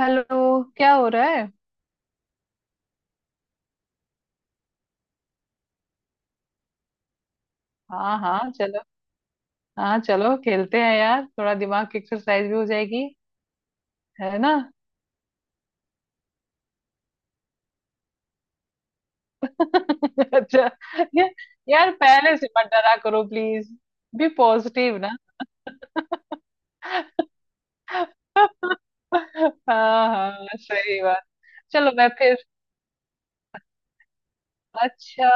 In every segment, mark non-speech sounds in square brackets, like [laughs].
Hello, क्या हो रहा है। हाँ हाँ चलो। हाँ चलो खेलते हैं यार, थोड़ा दिमाग की एक्सरसाइज भी हो जाएगी। है ना। [laughs] अच्छा। या, यार पहले से मत डरा करो प्लीज। बी पॉजिटिव ना। [laughs] हाँ हाँ सही बात। चलो मैं फिर। अच्छा,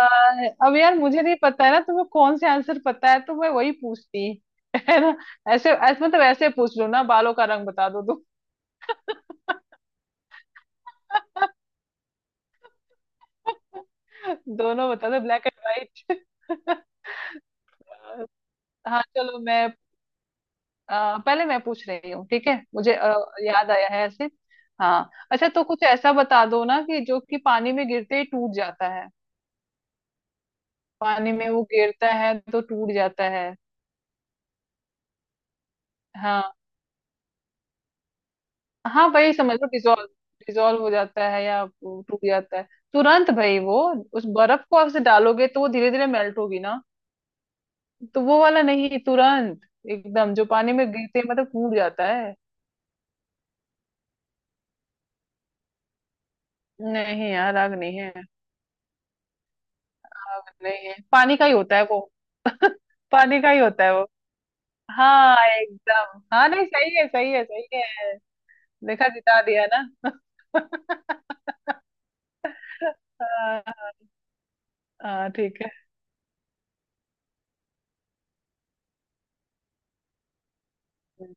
अब यार मुझे नहीं पता है ना तुम्हें कौन से आंसर पता है तो मैं वही पूछती। [laughs] है ना। ऐसे ऐसे मतलब ऐसे पूछ लो ना, बालों का रंग बता दो तुम। [laughs] [laughs] दोनों बता दो, ब्लैक एंड व्हाइट। [laughs] हाँ चलो मैं। पहले मैं पूछ रही हूँ ठीक है। मुझे याद आया है ऐसे। हाँ अच्छा, तो कुछ ऐसा बता दो ना कि जो कि पानी में गिरते ही टूट जाता है। पानी में वो गिरता है तो टूट जाता है। हाँ हाँ वही समझ लो, डिजोल्व। डिजोल्व हो जाता है या वो टूट जाता है तुरंत भाई। वो उस बर्फ को आप से डालोगे तो वो धीरे धीरे मेल्ट होगी ना, तो वो वाला नहीं। तुरंत एकदम जो पानी में गिरते ही मतलब टूट जाता है। नहीं यार, आग नहीं है। आग नहीं है, पानी का ही होता है वो। [laughs] पानी का ही होता है वो। हाँ एकदम, हाँ नहीं सही है सही है सही है। देखा, जिता दिया ना। [laughs] हाँ, हाँ, ठीक है। हम्म।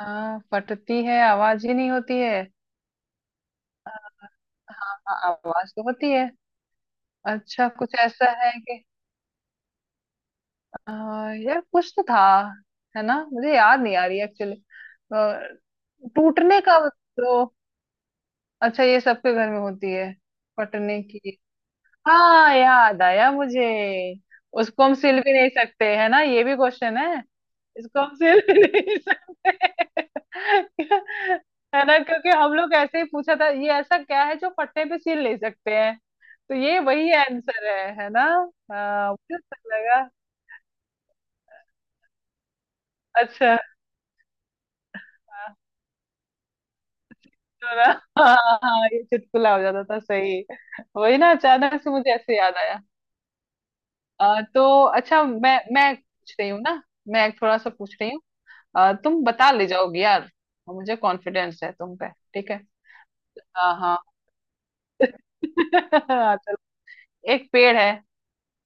हाँ फटती है, आवाज ही नहीं होती है। हाँ हाँ, आवाज तो होती है। अच्छा कुछ ऐसा है कि आ, यार कुछ तो था। है ना, मुझे याद नहीं आ रही एक्चुअली। टूटने का तो। अच्छा ये सबके घर में होती है। कटने की। हाँ याद आया मुझे। उसको हम सिल भी नहीं सकते, है ना ये भी क्वेश्चन है। इसको हम सिल भी नहीं सकते। [laughs] है ना, क्योंकि हम लोग ऐसे ही पूछा था ये ऐसा क्या है जो फटने पे सिल नहीं सकते हैं। तो ये वही आंसर है ना। हाँ मुझे सही लगा। अच्छा। हाँ तो ना- हाँ हाँ, हाँ, ये चुटकुला हो जाता था, सही। वही ना, अचानक से मुझे ऐसे याद आया। तो अच्छा, मैं पूछ रही हूँ ना। मैं थोड़ा सा पूछ रही हूँ। तुम बता ले जाओगे यार, मुझे कॉन्फिडेंस है तुम पे। ठीक है। हाँ हाँ। [laughs] चलो। एक पेड़ है,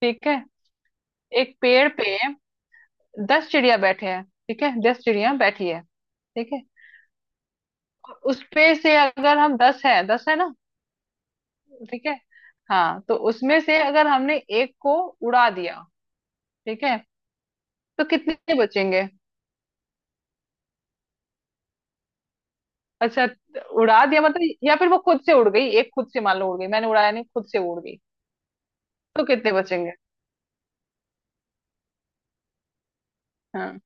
ठीक है। एक पेड़ पे दस चिड़िया बैठे हैं, ठीक है, दस चिड़िया बैठी है ठीक है। और उस पे से अगर हम दस है, दस है ना, ठीक है। हाँ तो उसमें से अगर हमने एक को उड़ा दिया, ठीक है, तो कितने बचेंगे। अच्छा, उड़ा दिया मतलब या फिर वो खुद से उड़ गई, एक खुद से मान लो उड़ गई, मैंने उड़ाया नहीं, खुद से उड़ गई। तो कितने बचेंगे। हाँ।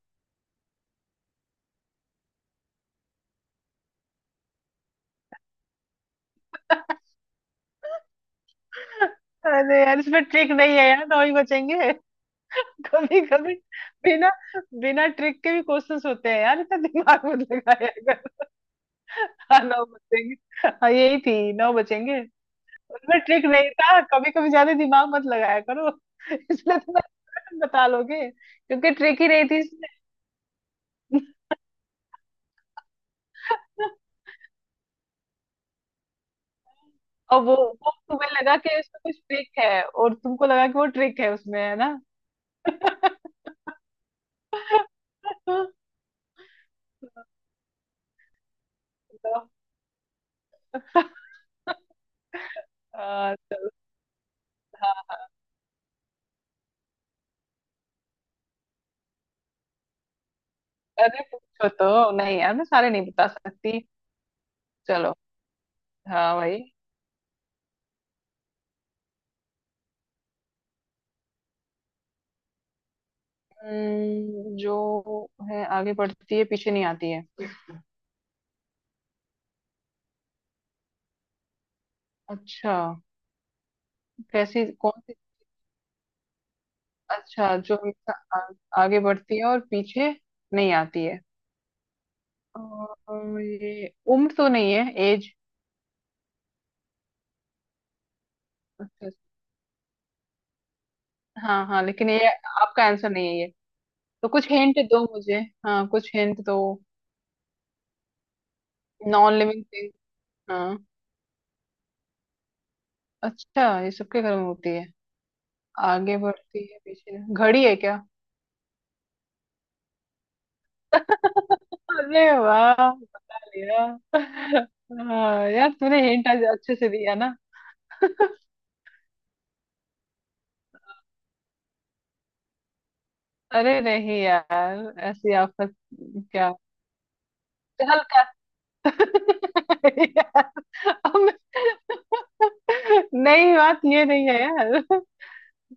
[laughs] अरे यार इसमें ट्रिक नहीं है यार, नौ ही बचेंगे। [laughs] कभी कभी बिना बिना ट्रिक के भी क्वेश्चंस होते हैं यार, इतना दिमाग मत लगाया कर। [laughs] हाँ नौ बचेंगे। हाँ यही थी, नौ बचेंगे। उसमें ट्रिक नहीं था, कभी कभी ज्यादा दिमाग मत लगाया करो। [laughs] इसलिए तो मैं बता लोगे, क्योंकि ट्रिक ही नहीं थी इसमें। [laughs] और वो तुम्हें लगा कि उसमें कुछ ट्रिक है और तुमको लगा कि वो ट्रिक है उसमें, है ना। तो, चलो। हाँ। अरे पूछो तो नहीं यार, मैं सारे नहीं बता सकती। चलो। हाँ भाई। जो है आगे बढ़ती है पीछे नहीं आती है। अच्छा, कैसी कौन सी। अच्छा, जो हमेशा आगे बढ़ती है और पीछे नहीं आती है। और ये उम्र तो नहीं है, एज। अच्छा। हाँ हाँ लेकिन ये आपका आंसर नहीं है। तो कुछ हिंट दो मुझे। हाँ कुछ हिंट दो। Non living thing. हाँ। अच्छा ये सबके घर में होती है। आगे बढ़ती है पीछे, घड़ी है क्या। [laughs] अरे वाह, बता लिया। हाँ, यार तूने हिंट आज अच्छे से दिया ना। अरे नहीं यार, ऐसी आफत क्या। चल कर। [laughs] यार, अब- मैं- [laughs] नहीं बात ये नहीं है यार।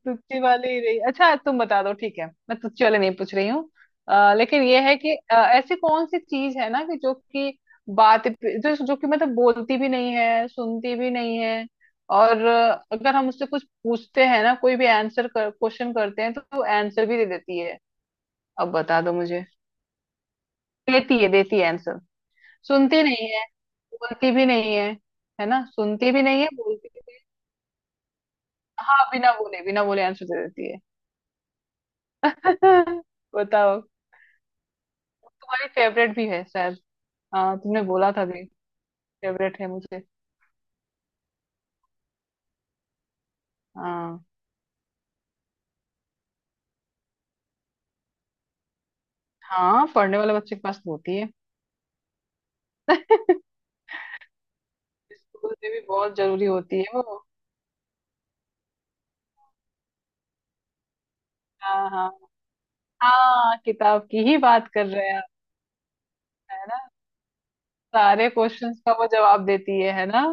तुच्ची वाली ही रही, अच्छा तुम बता दो ठीक है, मैं तुच्ची वाले नहीं पूछ रही हूँ। लेकिन ये है कि ऐसी कौन सी चीज है ना कि जो कि बात जो जो कि मतलब बोलती भी नहीं है, सुनती भी नहीं है। और अगर हम उससे कुछ पूछते हैं ना, कोई भी आंसर कर क्वेश्चन करते हैं तो वो आंसर भी दे देती है। अब बता दो मुझे। देती है आंसर। सुनती नहीं है, बोलती भी नहीं है। है ना, सुनती भी नहीं है बोलती भी नहीं है। हाँ बिना बोले आंसर दे देती है। [laughs] बताओ। तुम्हारी फेवरेट भी है शायद। हाँ तुमने बोला था भी, फेवरेट है मुझे। हाँ। हाँ पढ़ने वाले बच्चे के पास तो होती है। [laughs] स्कूल में भी बहुत जरूरी होती है वो। हाँ हाँ। हाँ किताब की ही बात कर रहे हैं आप। है ना, सारे क्वेश्चंस का वो जवाब देती है ना।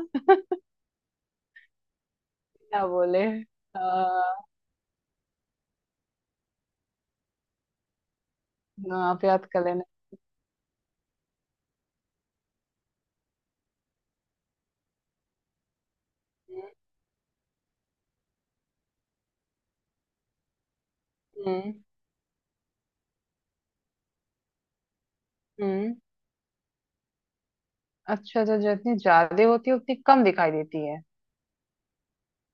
क्या बोले, ना, आप याद कर लेना। हम्म। हम्म। हम्म। अच्छा तो जो जितनी ज्यादा होती है उतनी कम दिखाई देती है।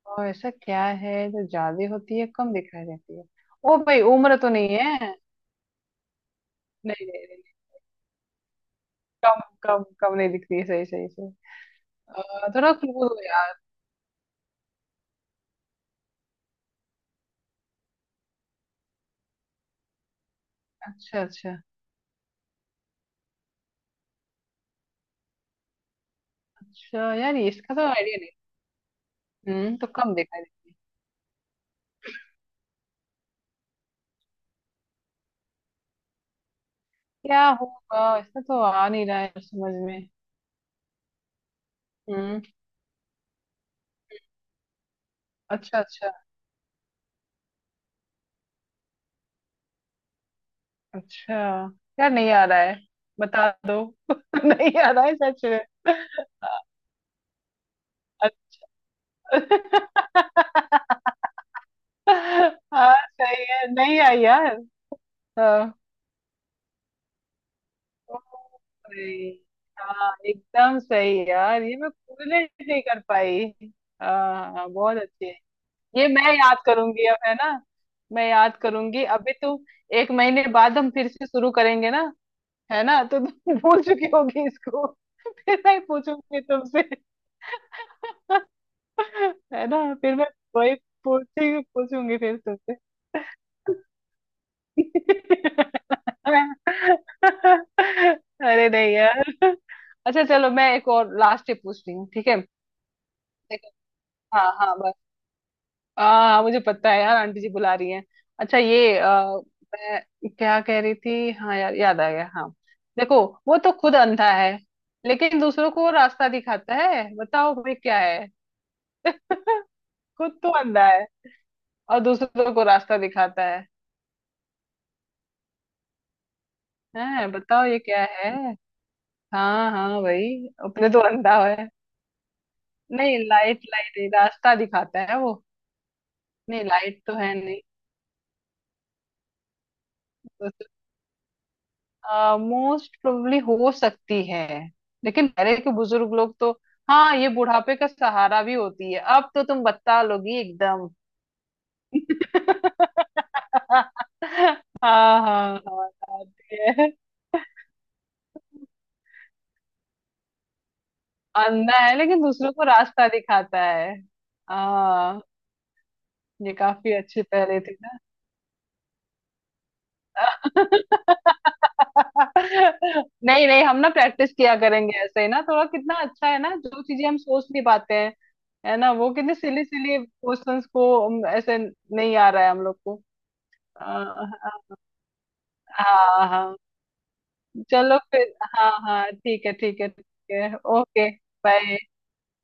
और ऐसा क्या है जो ज्यादा होती है कम दिखाई देती है। ओ भाई उम्र तो नहीं है। नहीं नहीं नहीं नहीं, कम कम कम नहीं दिखती है, सही सही सही। थोड़ा क्लू दो यार। अच्छा अच्छा। अच्छा यार ये इसका तो आइडिया नहीं। हम्म, तो कम दिखाई देती है। क्या होगा, इसका तो आ नहीं रहा है समझ में। हम्म। अच्छा अच्छा। अच्छा यार नहीं आ रहा है, बता दो। [laughs] नहीं आ रहा है सच में। [laughs] अच्छा। हाँ सही है, नहीं आई यार। हाँ। सही। हाँ एकदम सही यार, ये मैं कोरिलेट नहीं कर पाई। हाँ हाँ, बहुत अच्छी है, ये मैं याद करूंगी अब, है ना। मैं याद करूंगी। अभी तुम, एक महीने बाद हम फिर से शुरू करेंगे ना। है ना, तो तुम [laughs] भूल चुकी होगी इसको, फिर मैं पूछूंगी तुमसे। [laughs] है ना, फिर मैं वही पूछी पूछूंगी फिर तुमसे। [laughs] [laughs] अरे नहीं यार। अच्छा चलो, मैं एक और लास्ट ही पूछ रही हूँ ठीक है। देखो। हाँ हाँ बस। हाँ हाँ, मुझे पता है यार, आंटी जी बुला रही हैं। अच्छा ये मैं क्या कह रही थी, हाँ यार याद आ गया। हाँ देखो, वो तो खुद अंधा है लेकिन दूसरों को रास्ता दिखाता है, बताओ भाई क्या है। [laughs] खुद तो अंधा है और दूसरों को रास्ता दिखाता है। हैं बताओ ये क्या है। हाँ हाँ भाई, अपने तो अंधा है। नहीं लाइट, रास्ता दिखाता है वो, नहीं लाइट तो है नहीं। मोस्ट प्रोबेबली हो सकती है, लेकिन पहले के बुजुर्ग लोग तो, हाँ ये बुढ़ापे का सहारा भी होती है। अब तो तुम बता लोगी एकदम। [laughs] हाँ हाँ हाँ बताती है। अंधा है लेकिन दूसरों को रास्ता दिखाता है। हाँ। ये काफी अच्छे पहले थे। नहीं नहीं, हम ना प्रैक्टिस किया करेंगे ऐसे ही ना, थोड़ा कितना अच्छा है ना, जो चीजें हम सोच नहीं पाते हैं। है ना, वो कितने सिली सिली क्वेश्चंस को हम ऐसे नहीं आ रहा है हम लोग को। आ, हाँ हाँ। चलो फिर, हाँ हाँ ठीक है ठीक है ठीक है, ओके बाय।